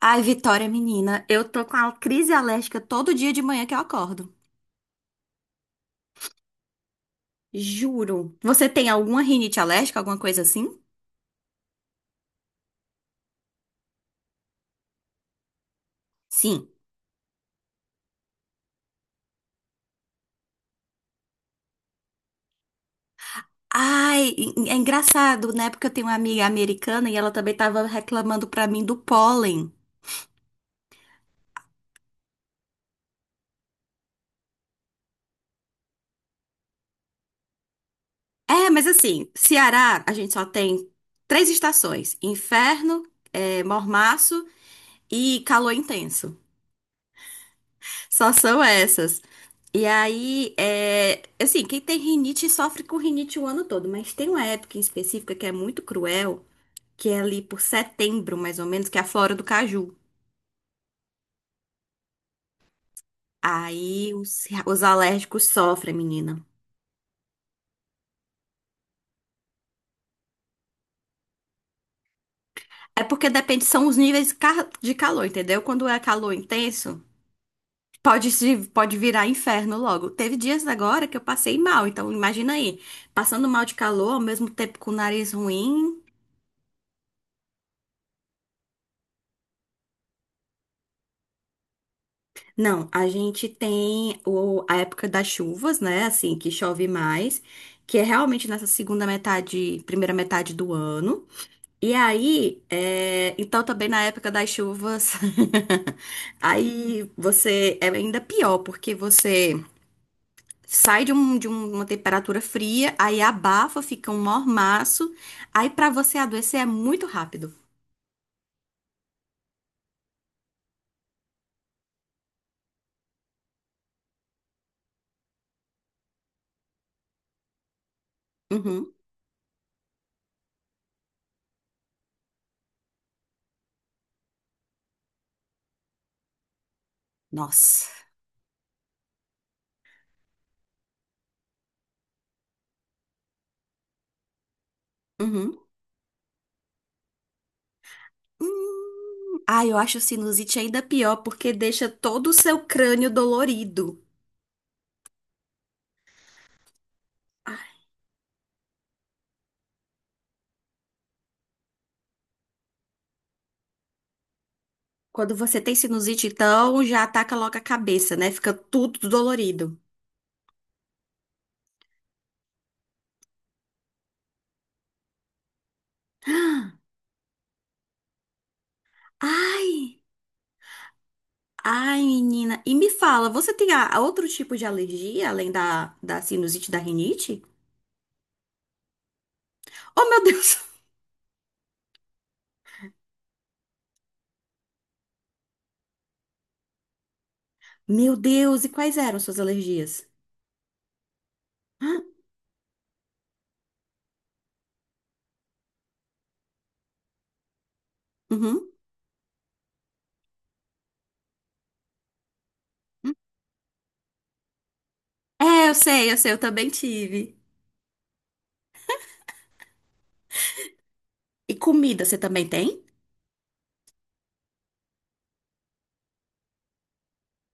Ai, Vitória, menina, eu tô com a crise alérgica todo dia de manhã que eu acordo. Juro. Você tem alguma rinite alérgica, alguma coisa assim? Sim. Ai, é engraçado, né? Porque eu tenho uma amiga americana e ela também tava reclamando pra mim do pólen. É, mas assim, Ceará, a gente só tem três estações: inferno, é, mormaço e calor intenso. Só são essas. E aí, é, assim, quem tem rinite sofre com rinite o ano todo, mas tem uma época em específica que é muito cruel, que é ali por setembro, mais ou menos, que é a flora do caju. Aí os alérgicos sofrem, menina. É porque depende, são os níveis de calor, entendeu? Quando é calor intenso, pode, pode virar inferno logo. Teve dias agora que eu passei mal, então imagina aí, passando mal de calor, ao mesmo tempo com o nariz ruim. Não, a gente tem o, a época das chuvas, né? Assim, que chove mais, que é realmente nessa segunda metade, primeira metade do ano. E aí, é, então também na época das chuvas, aí você é ainda pior, porque você sai de, um, uma temperatura fria, aí abafa, fica um mormaço, aí pra você adoecer é muito rápido. Uhum. Nossa. Hum. Ah, eu acho sinusite ainda pior porque deixa todo o seu crânio dolorido. Ah, quando você tem sinusite, então já ataca logo a cabeça, né? Fica tudo dolorido. Ah, ai, ai, menina. E me fala, você tem outro tipo de alergia além da, da sinusite e da rinite? Oh, meu Deus! Meu Deus, e quais eram suas alergias? Ah, uhum. É, eu sei, eu sei, eu também tive. E comida, você também tem?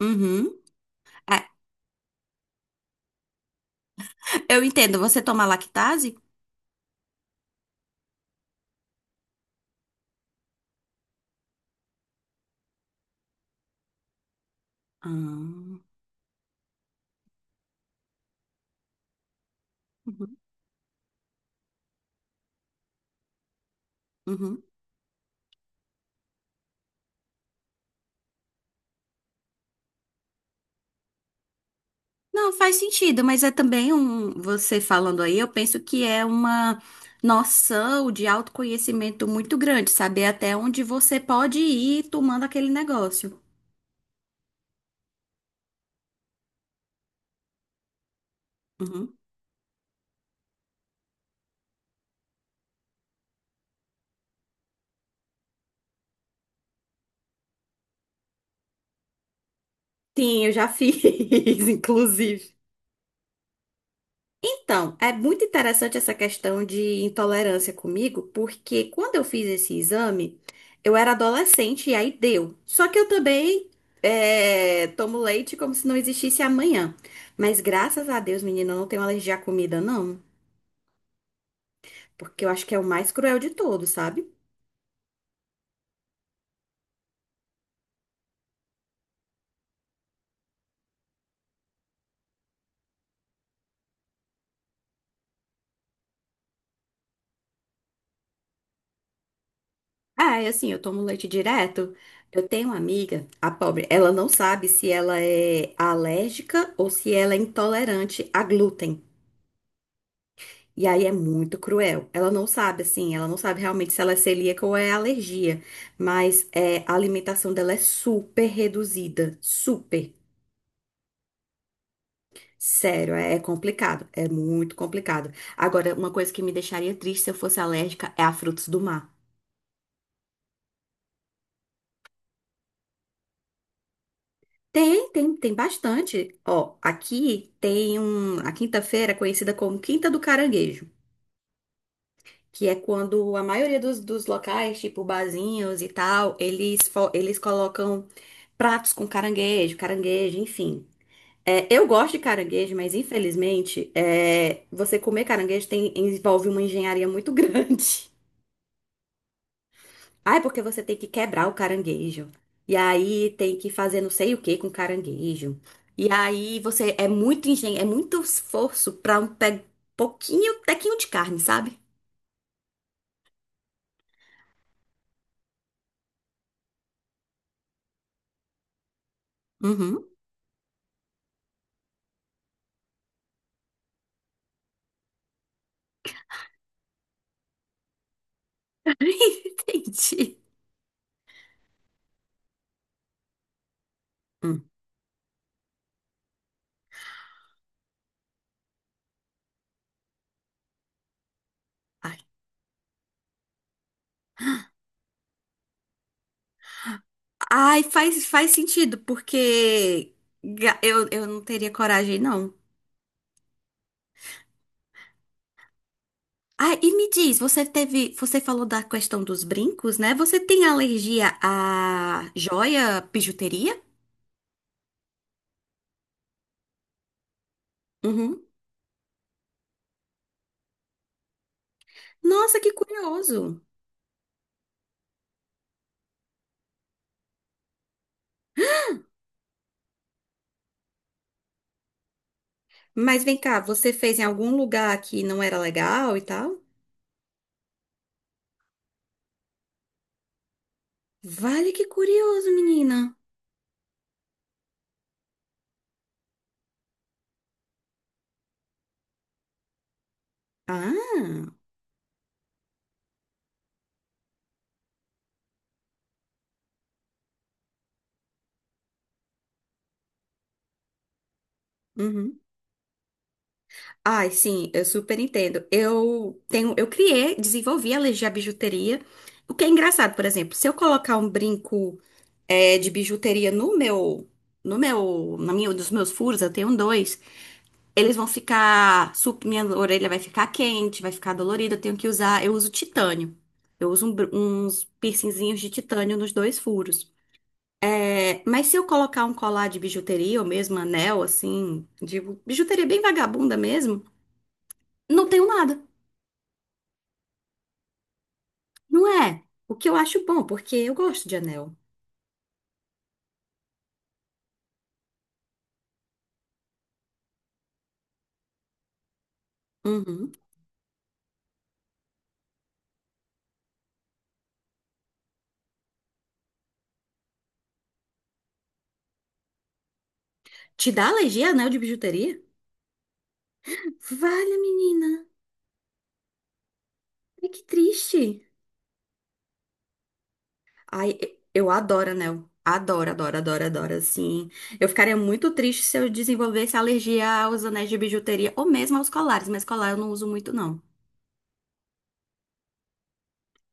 Uhum. É, eu entendo, você toma lactase? Ah, uhum, uhum. Não, faz sentido, mas é também um. Você falando aí, eu penso que é uma noção de autoconhecimento muito grande, saber até onde você pode ir tomando aquele negócio. Uhum. Sim, eu já fiz, inclusive. Então, é muito interessante essa questão de intolerância comigo, porque quando eu fiz esse exame, eu era adolescente e aí deu. Só que eu também é, tomo leite como se não existisse amanhã. Mas graças a Deus, menina, eu não tenho alergia à comida, não. Porque eu acho que é o mais cruel de todos, sabe? Ah, é assim, eu tomo leite direto. Eu tenho uma amiga, a pobre, ela não sabe se ela é alérgica ou se ela é intolerante a glúten. E aí é muito cruel. Ela não sabe, assim, ela não sabe realmente se ela é celíaca ou é alergia. Mas é, a alimentação dela é super reduzida. Super. Sério, é, é complicado. É muito complicado. Agora, uma coisa que me deixaria triste se eu fosse alérgica é a frutos do mar. Tem, tem, tem bastante. Ó, aqui tem um, a quinta-feira é conhecida como Quinta do Caranguejo. Que é quando a maioria dos locais, tipo barzinhos e tal, eles, eles colocam pratos com caranguejo, caranguejo, enfim. É, eu gosto de caranguejo, mas infelizmente, é, você comer caranguejo envolve uma engenharia muito grande. Ah, é porque você tem que quebrar o caranguejo. E aí tem que fazer não sei o que com caranguejo. E aí você é muito engen é muito esforço pra um pe pouquinho, tequinho de carne, sabe? Uhum. Entendi. Ai, ai, faz, faz sentido, porque eu não teria coragem, não. Ai, e me diz, você teve, você falou da questão dos brincos, né? Você tem alergia a joia, bijuteria? Uhum. Nossa, que curioso. Mas vem cá, você fez em algum lugar que não era legal e tal? Vale que curioso, menina. Ah, uhum. Ai, sim, eu super entendo. Eu tenho, eu criei, desenvolvi a legia bijuteria. O que é engraçado, por exemplo, se eu colocar um brinco é, de bijuteria no meu, no meu, na minha, nos meus furos, eu tenho dois. Eles vão ficar, minha orelha vai ficar quente, vai ficar dolorida. Eu tenho que usar, eu uso titânio. Eu uso uns piercingzinhos de titânio nos dois furos. É, mas se eu colocar um colar de bijuteria ou mesmo anel, assim, de bijuteria bem vagabunda mesmo, não tenho nada. Não é? O que eu acho bom, porque eu gosto de anel. Uhum. Te dá alergia a anel de bijuteria? Vale, menina. Ai, que triste. Ai, eu adoro anel. Adoro, adoro, adoro, adoro, assim. Eu ficaria muito triste se eu desenvolvesse alergia aos anéis de bijuteria ou mesmo aos colares, mas colar eu não uso muito, não.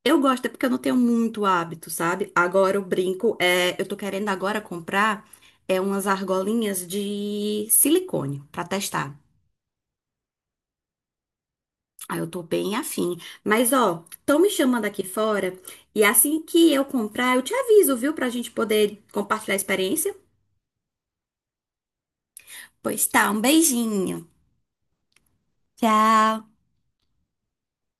Eu gosto, é porque eu não tenho muito hábito, sabe? Agora o brinco é. Eu tô querendo agora comprar é umas argolinhas de silicone pra testar. Ah, eu tô bem afim. Mas, ó, estão me chamando aqui fora e assim que eu comprar, eu te aviso, viu? Pra gente poder compartilhar a experiência. Pois tá, um beijinho. Tchau.